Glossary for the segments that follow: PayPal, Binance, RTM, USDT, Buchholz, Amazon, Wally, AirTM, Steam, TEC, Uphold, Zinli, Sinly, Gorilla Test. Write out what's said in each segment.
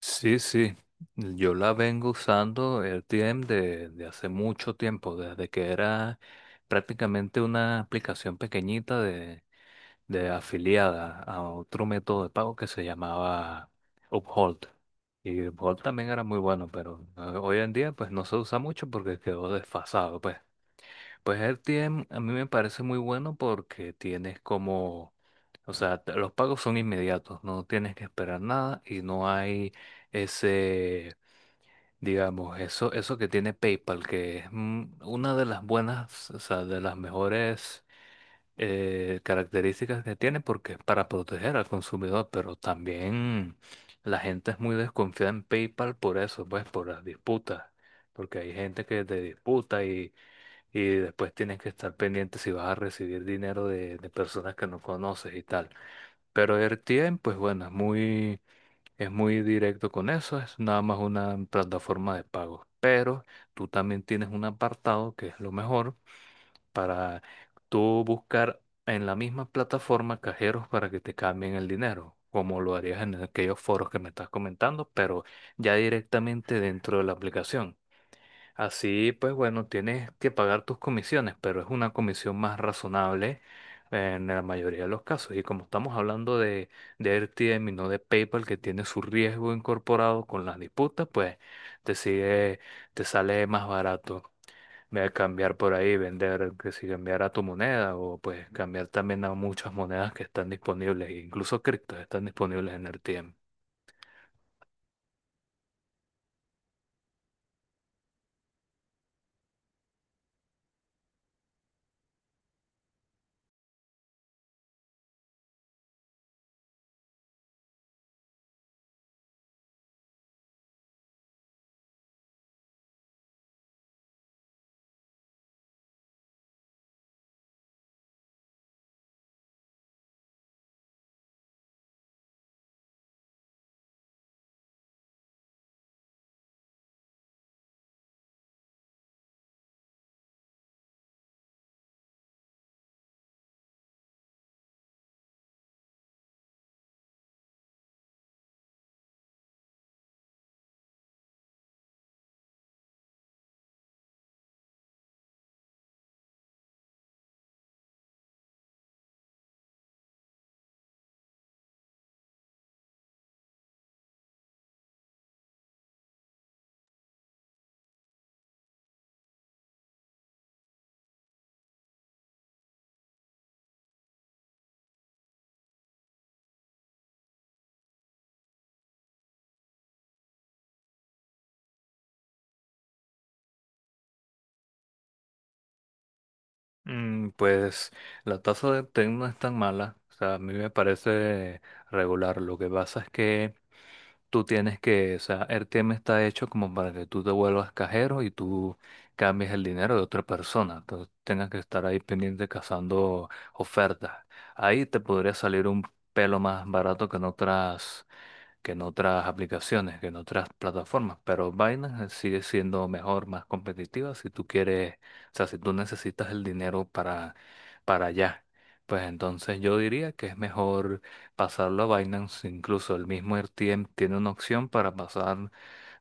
Sí, sí, yo la vengo usando AirTM de hace mucho tiempo, desde que era prácticamente una aplicación pequeñita de afiliada a otro método de pago que se llamaba Uphold. Y Uphold también era muy bueno, pero hoy en día pues no se usa mucho porque quedó desfasado, pues. Pues AirTM a mí me parece muy bueno porque tienes como, o sea, los pagos son inmediatos, no tienes que esperar nada y no hay ese, digamos, eso que tiene PayPal, que es una de las buenas, o sea, de las mejores características que tiene porque es para proteger al consumidor, pero también la gente es muy desconfiada en PayPal por eso, pues por las disputas, porque hay gente que te disputa y después tienes que estar pendiente si vas a recibir dinero de personas que no conoces y tal. Pero RTM, pues bueno, es muy directo con eso, es nada más una plataforma de pago. Pero tú también tienes un apartado que es lo mejor para tú buscar en la misma plataforma cajeros para que te cambien el dinero, como lo harías en aquellos foros que me estás comentando, pero ya directamente dentro de la aplicación. Así, pues bueno, tienes que pagar tus comisiones, pero es una comisión más razonable en la mayoría de los casos. Y como estamos hablando de RTM y no de PayPal, que tiene su riesgo incorporado con las disputas, pues te sigue, te sale más barato cambiar por ahí, vender, que si cambiar a tu moneda o pues cambiar también a muchas monedas que están disponibles, incluso criptos están disponibles en RTM. Mm, pues la tasa de TEC no es tan mala, o sea, a mí me parece regular. Lo que pasa es que tú tienes que, o sea, el tema está hecho como para que tú te vuelvas cajero y tú cambies el dinero de otra persona, entonces tengas que estar ahí pendiente cazando ofertas. Ahí te podría salir un pelo más barato que en otras aplicaciones, que en otras plataformas, pero Binance sigue siendo mejor, más competitiva si tú quieres, o sea, si tú necesitas el dinero para allá. Pues entonces yo diría que es mejor pasarlo a Binance, incluso el mismo RTM tiene una opción para pasar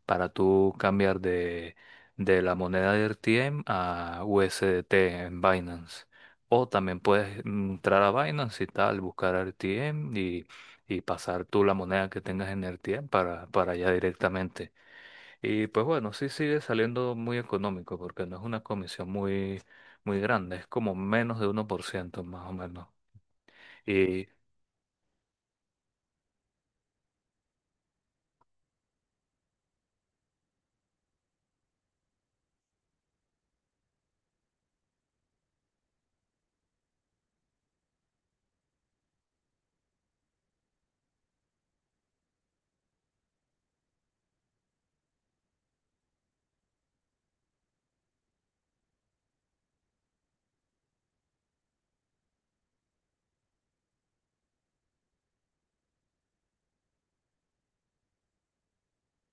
para tú cambiar de la moneda de RTM a USDT en Binance. O también puedes entrar a Binance y tal, buscar RTM y pasar tú la moneda que tengas en RTM para allá directamente. Y pues bueno, sí sigue saliendo muy económico porque no es una comisión muy grande, es como menos de uno por ciento más o menos.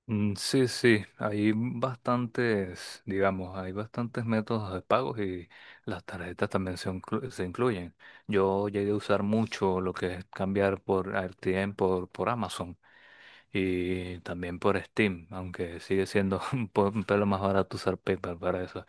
Mm, sí, sí, hay bastantes, digamos, hay bastantes métodos de pagos y las tarjetas también se incluyen. Yo llegué a usar mucho lo que es cambiar por RTM, por Amazon y también por Steam, aunque sigue siendo un pelo más barato usar PayPal para eso.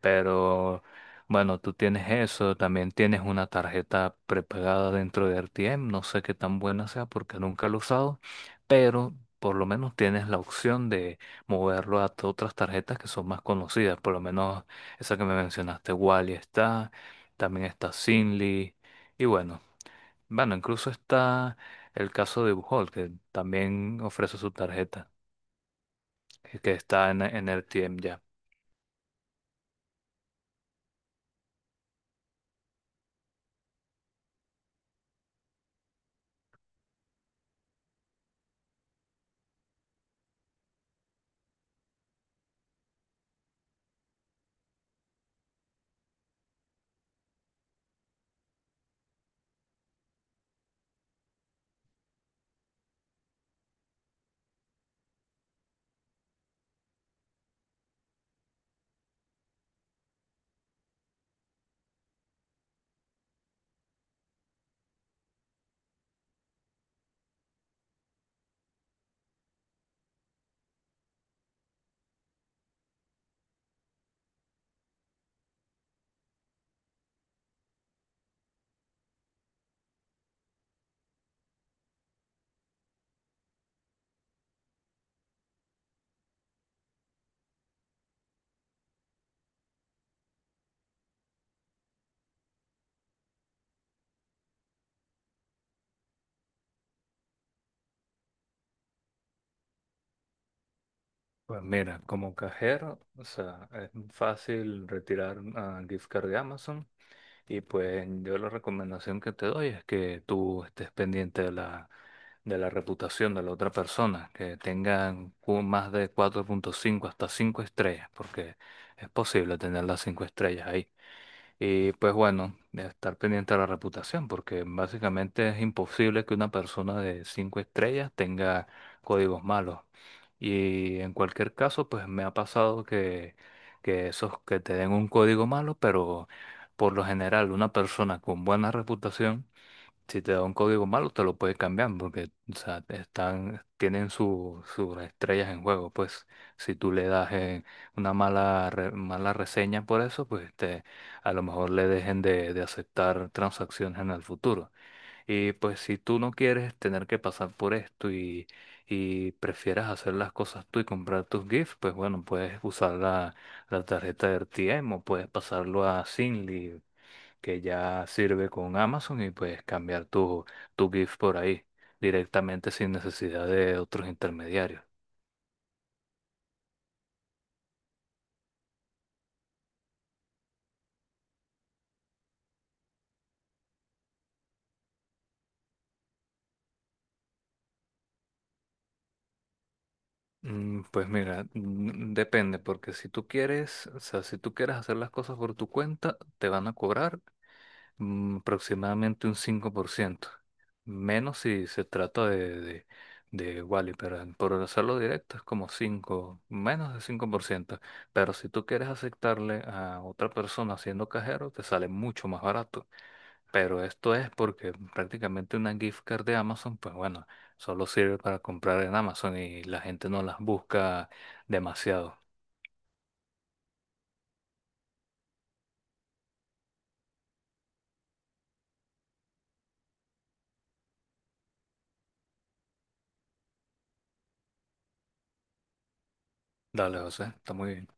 Pero bueno, tú tienes eso, también tienes una tarjeta prepagada dentro de R T M, no sé qué tan buena sea porque nunca lo he usado, pero por lo menos tienes la opción de moverlo a otras tarjetas que son más conocidas, por lo menos esa que me mencionaste. Wally está, también está Sinly, y bueno, incluso está el caso de Buchholz, que también ofrece su tarjeta, que está en R T M ya. Pues mira, como cajero, o sea, es fácil retirar gift card de Amazon y pues yo la recomendación que te doy es que tú estés pendiente de la reputación de la otra persona, que tengan más de 4.5 hasta 5 estrellas, porque es posible tener las 5 estrellas ahí. Y pues bueno, de estar pendiente de la reputación, porque básicamente es imposible que una persona de cinco estrellas tenga códigos malos. Y en cualquier caso, pues me ha pasado que esos que te den un código malo, pero por lo general una persona con buena reputación si te da un código malo, te lo puede cambiar porque, o sea, tienen sus estrellas en juego. Pues si tú le das una mala reseña por eso, pues te, a lo mejor le dejen de aceptar transacciones en el futuro. Y pues si tú no quieres tener que pasar por esto y prefieres hacer las cosas tú y comprar tus GIFs, pues bueno, puedes usar la, la tarjeta de RTM o puedes pasarlo a Zinli que ya sirve con Amazon y pues cambiar tu GIF por ahí directamente sin necesidad de otros intermediarios. Mm, pues mira, mm, depende, porque si tú quieres, o sea, si tú quieres hacer las cosas por tu cuenta, te van a cobrar aproximadamente un 5% menos si se trata de Wally, pero por hacerlo directo es como 5 menos de cinco por ciento, pero si tú quieres aceptarle a otra persona siendo cajero, te sale mucho más barato. Pero esto es porque prácticamente una gift card de Amazon, pues bueno, solo sirve para comprar en Amazon y la gente no las busca demasiado. Dale, José, está muy bien.